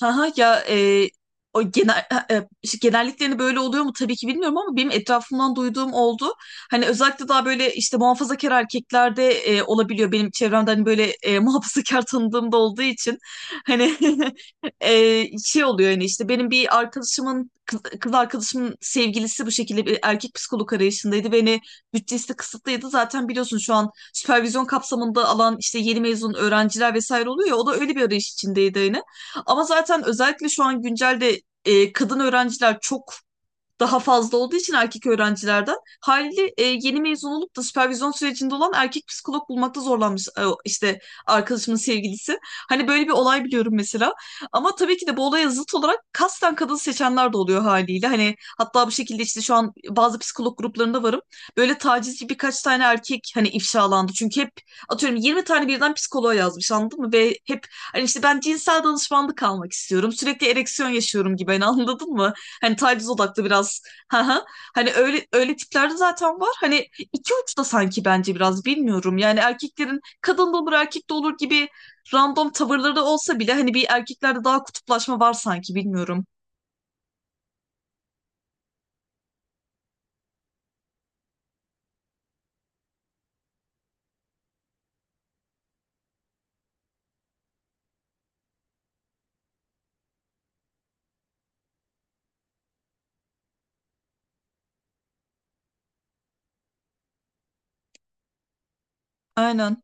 Haha ya o genel işte genelliklerini böyle oluyor mu, tabii ki bilmiyorum ama benim etrafımdan duyduğum oldu. Hani özellikle daha böyle işte muhafazakar erkeklerde olabiliyor. Benim çevremde hani böyle muhafazakar tanıdığım da olduğu için hani şey oluyor yani, işte benim bir arkadaşımın kız arkadaşımın sevgilisi bu şekilde bir erkek psikolog arayışındaydı. Beni bütçesi de kısıtlıydı. Zaten biliyorsun, şu an süpervizyon kapsamında alan işte yeni mezun öğrenciler vesaire oluyor ya, o da öyle bir arayış içindeydi yine. Ama zaten özellikle şu an güncelde kadın öğrenciler çok daha fazla olduğu için erkek öğrencilerden haliyle yeni mezun olup da süpervizyon sürecinde olan erkek psikolog bulmakta zorlanmış işte arkadaşımın sevgilisi. Hani böyle bir olay biliyorum mesela. Ama tabii ki de bu olaya zıt olarak kasten kadın seçenler de oluyor haliyle. Hani hatta bu şekilde işte şu an bazı psikolog gruplarında varım. Böyle tacizci birkaç tane erkek hani ifşalandı. Çünkü hep atıyorum 20 tane birden psikoloğa yazmış, anladın mı? Ve hep hani işte, ben cinsel danışmanlık almak istiyorum. Sürekli ereksiyon yaşıyorum gibi, hani, anladın mı? Hani taciz odaklı biraz. Haha. Hani öyle öyle tiplerde zaten var. Hani iki uçta sanki, bence biraz bilmiyorum. Yani erkeklerin kadın da olur erkek de olur gibi random tavırları da olsa bile, hani bir erkeklerde daha kutuplaşma var sanki, bilmiyorum. Aynen.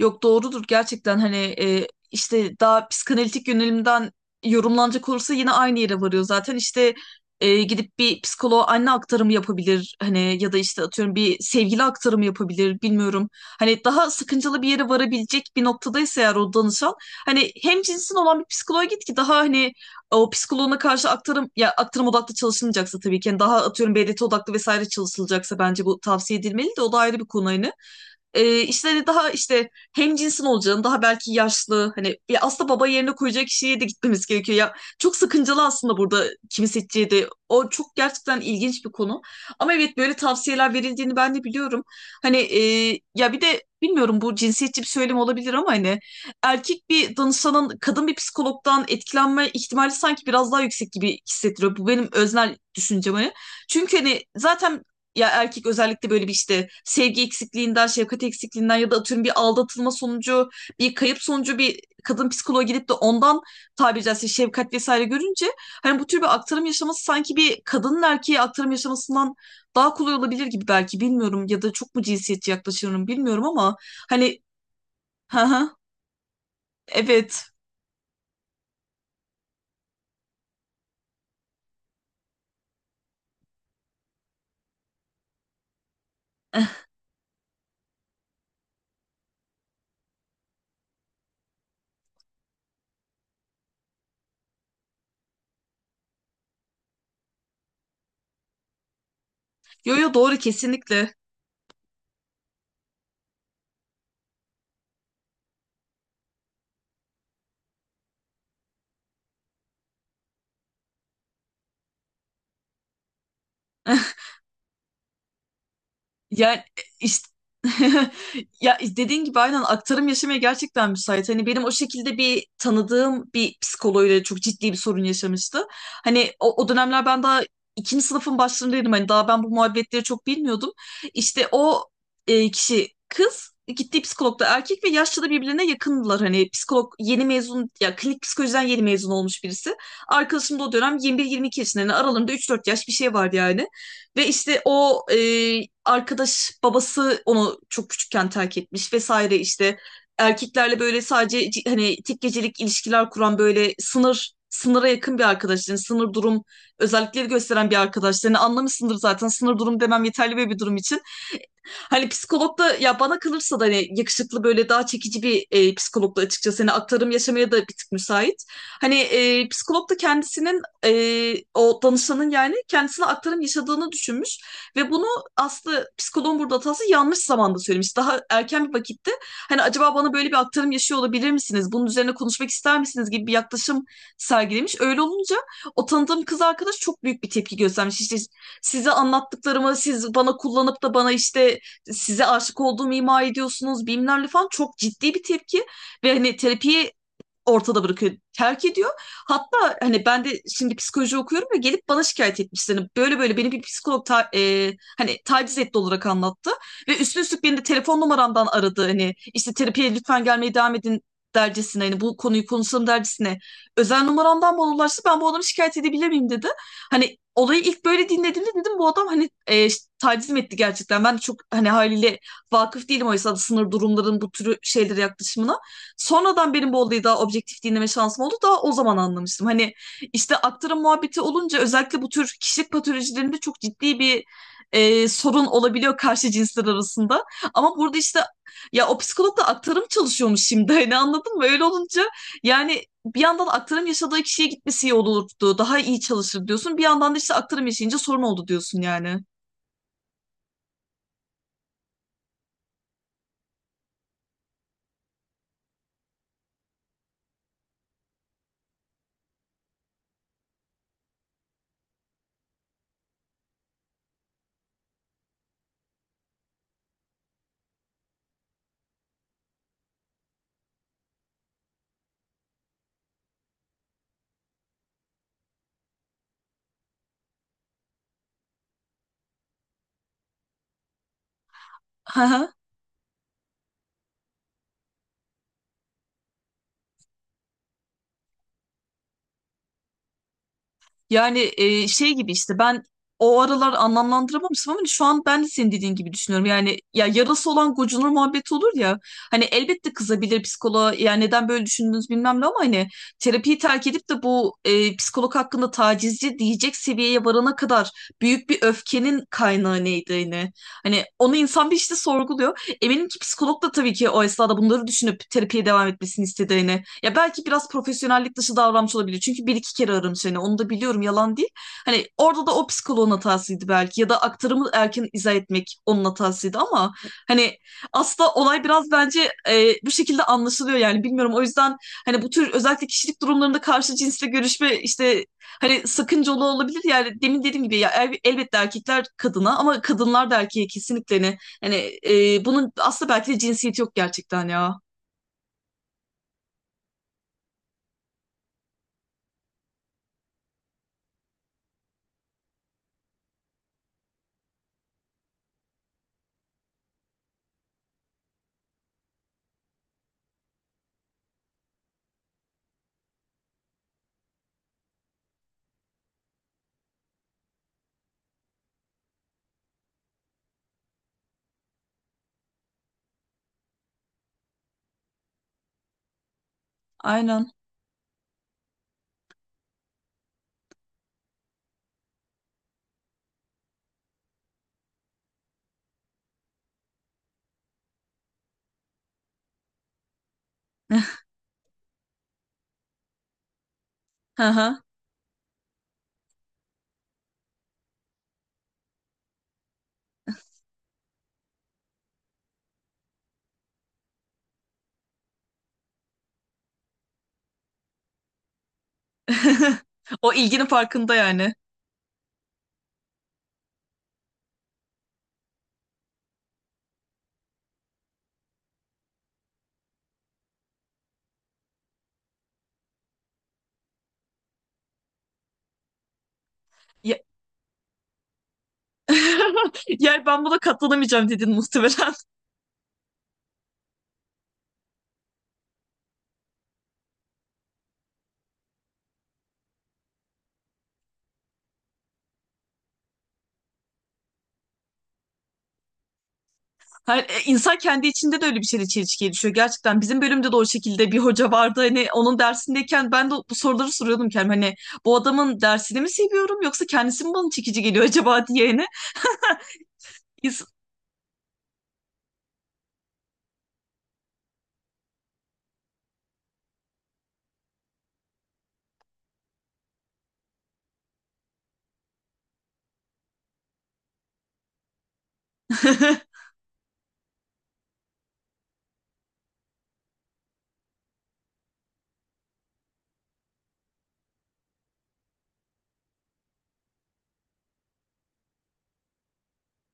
Yok, doğrudur gerçekten. Hani işte daha psikanalitik yönelimden yorumlanacak olursa yine aynı yere varıyor zaten. İşte gidip bir psikoloğa anne aktarımı yapabilir hani, ya da işte atıyorum bir sevgili aktarımı yapabilir, bilmiyorum. Hani daha sıkıntılı bir yere varabilecek bir noktadaysa eğer o danışan, hani hem cinsin olan bir psikoloğa git ki daha hani o psikoloğuna karşı aktarım, ya aktarım odaklı çalışılmayacaksa tabii ki. Yani daha atıyorum BDT odaklı vesaire çalışılacaksa bence bu tavsiye edilmeli de, o da ayrı bir konu hani. E, işte hani daha işte hem cinsin olacağını, daha belki yaşlı, hani ya aslında baba yerine koyacak kişiye de gitmemiz gerekiyor. Ya çok sakıncalı aslında burada, kimi seçeceği de. O çok gerçekten ilginç bir konu. Ama evet, böyle tavsiyeler verildiğini ben de biliyorum. Hani ya bir de bilmiyorum, bu cinsiyetçi bir söylem olabilir ama hani erkek bir danışanın kadın bir psikologdan etkilenme ihtimali sanki biraz daha yüksek gibi hissettiriyor. Bu benim öznel düşüncem hani. Çünkü hani zaten ya, erkek özellikle böyle bir işte sevgi eksikliğinden, şefkat eksikliğinden ya da atıyorum bir aldatılma sonucu, bir kayıp sonucu bir kadın psikoloğa gidip de ondan tabiri caizse şefkat vesaire görünce, hani bu tür bir aktarım yaşaması sanki bir kadının erkeğe aktarım yaşamasından daha kolay olabilir gibi, belki, bilmiyorum. Ya da çok mu cinsiyetçi yaklaşıyorum, bilmiyorum ama hani ha, evet. Yo, yo, doğru, kesinlikle. Yani işte ya dediğin gibi, aynen, aktarım yaşamaya gerçekten müsait. Hani benim o şekilde bir tanıdığım bir psikoloğuyla çok ciddi bir sorun yaşamıştı. Hani o dönemler ben daha ikinci sınıfın başlarındaydım. Hani daha ben bu muhabbetleri çok bilmiyordum. İşte o kişi kız, gittiği psikolog da erkek ve yaşça da birbirine yakındılar. Hani psikolog yeni mezun, ya klinik psikolojiden yeni mezun olmuş birisi. Arkadaşım da o dönem 21-22 yaşında. Yani aralarında 3-4 yaş bir şey vardı yani. Ve işte o arkadaş, babası onu çok küçükken terk etmiş vesaire işte, erkeklerle böyle sadece hani tek gecelik ilişkiler kuran, böyle sınır sınıra yakın bir arkadaşların, sınır durum özellikleri gösteren bir arkadaşlarını anlamışsındır zaten, sınır durum demem yeterli bir durum için. Hani psikolog da, ya bana kalırsa da hani yakışıklı böyle daha çekici bir psikolog da açıkçası, hani aktarım yaşamaya da bir tık müsait. Hani psikolog da kendisinin o danışanın yani kendisine aktarım yaşadığını düşünmüş ve bunu, aslında psikoloğun burada hatası, yanlış zamanda söylemiş. Daha erken bir vakitte, hani acaba bana böyle bir aktarım yaşıyor olabilir misiniz, bunun üzerine konuşmak ister misiniz gibi bir yaklaşım sergilemiş. Öyle olunca o tanıdığım kız arkadaş çok büyük bir tepki göstermiş. İşte, size anlattıklarımı siz bana kullanıp da bana işte size aşık olduğumu ima ediyorsunuz bilmem falan, çok ciddi bir tepki, ve hani terapiyi ortada bırakıyor, terk ediyor. Hatta hani, ben de şimdi psikoloji okuyorum ve gelip bana şikayet etmişler. Hani böyle böyle, beni bir psikolog hani taciz etti olarak anlattı, ve üstüne üstlük beni de telefon numaramdan aradı. Hani işte terapiye lütfen gelmeye devam edin dercesine, hani bu konuyu konuşalım dercesine özel numaramdan bana ulaştı. Ben bu adamı şikayet edebilir miyim dedim. Hani olayı ilk böyle dinlediğimde dedim, bu adam hani taciz mi etti gerçekten. Ben de çok hani haliyle vakıf değilim oysa da sınır durumların bu türü şeylere yaklaşımına. Sonradan benim bu olayı daha objektif dinleme şansım oldu. Daha o zaman anlamıştım. Hani işte aktarım muhabbeti olunca, özellikle bu tür kişilik patolojilerinde çok ciddi bir sorun olabiliyor karşı cinsler arasında. Ama burada işte, ya o psikolog da aktarım çalışıyormuş şimdi, hani anladın mı? Öyle olunca yani, bir yandan aktarım yaşadığı kişiye gitmesi iyi olurdu, daha iyi çalışır diyorsun. Bir yandan da işte aktarım yaşayınca sorun oldu diyorsun yani. Yani şey gibi işte, ben o aralar anlamlandıramamıştım ama hani şu an ben de senin dediğin gibi düşünüyorum. Yani ya, yarası olan gocunur muhabbeti olur ya. Hani elbette kızabilir psikoloğa, ya neden böyle düşündünüz bilmem ne, ama hani terapiyi terk edip de bu psikolog hakkında tacizci diyecek seviyeye varana kadar büyük bir öfkenin kaynağı neydi yine. Hani onu insan bir işte sorguluyor. Eminim ki psikolog da tabii ki o esnada bunları düşünüp terapiye devam etmesini istedi yine. Ya belki biraz profesyonellik dışı davranmış olabilir. Çünkü bir iki kere aramış seni, onu da biliyorum, yalan değil. Hani orada da o psikoloğun hatasıydı belki, ya da aktarımı erken izah etmek onun hatasıydı ama hani aslında olay biraz bence bu şekilde anlaşılıyor yani, bilmiyorum. O yüzden hani bu tür özellikle kişilik durumlarında karşı cinsle görüşme işte hani sakıncalı olabilir. Yani demin dediğim gibi ya, elbette erkekler kadına, ama kadınlar da erkeğe kesinlikle, ne hani bunun aslında belki de cinsiyeti yok gerçekten ya. Aynen. Hı hı. O ilginin farkında, yani. Ye- Yani ben buna katlanamayacağım dedin muhtemelen. Hayır, insan kendi içinde de öyle bir şeyle çelişkiye düşüyor gerçekten. Bizim bölümde de o şekilde bir hoca vardı. Hani onun dersindeyken ben de bu soruları soruyordum kendime. Hani bu adamın dersini mi seviyorum, yoksa kendisi mi bana çekici geliyor acaba, diye. Hani. İns-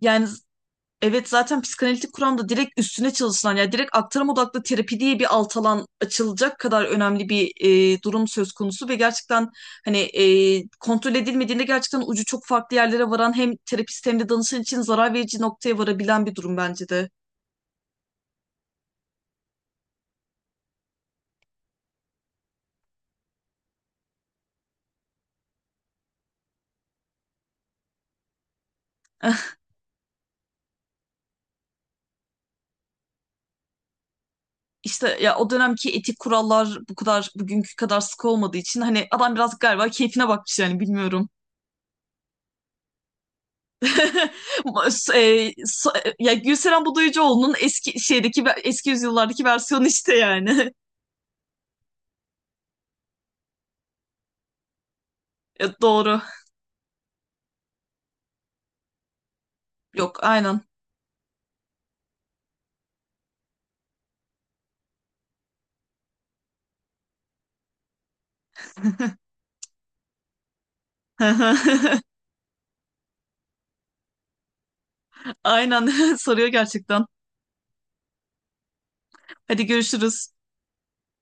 Yani, evet, zaten psikanalitik kuramda direkt üstüne çalışılan, yani direkt aktarım odaklı terapi diye bir alt alan açılacak kadar önemli bir durum söz konusu, ve gerçekten hani kontrol edilmediğinde gerçekten ucu çok farklı yerlere varan, hem terapist hem de danışan için zarar verici noktaya varabilen bir durum bence de. İşte ya, o dönemki etik kurallar bu kadar bugünkü kadar sıkı olmadığı için hani adam biraz galiba keyfine bakmış yani, bilmiyorum. Ya Gülseren Budayıcıoğlu'nun eski şeydeki eski yüzyıllardaki versiyonu işte yani. Doğru. Yok, aynen. Aynen, soruyor gerçekten. Hadi, görüşürüz.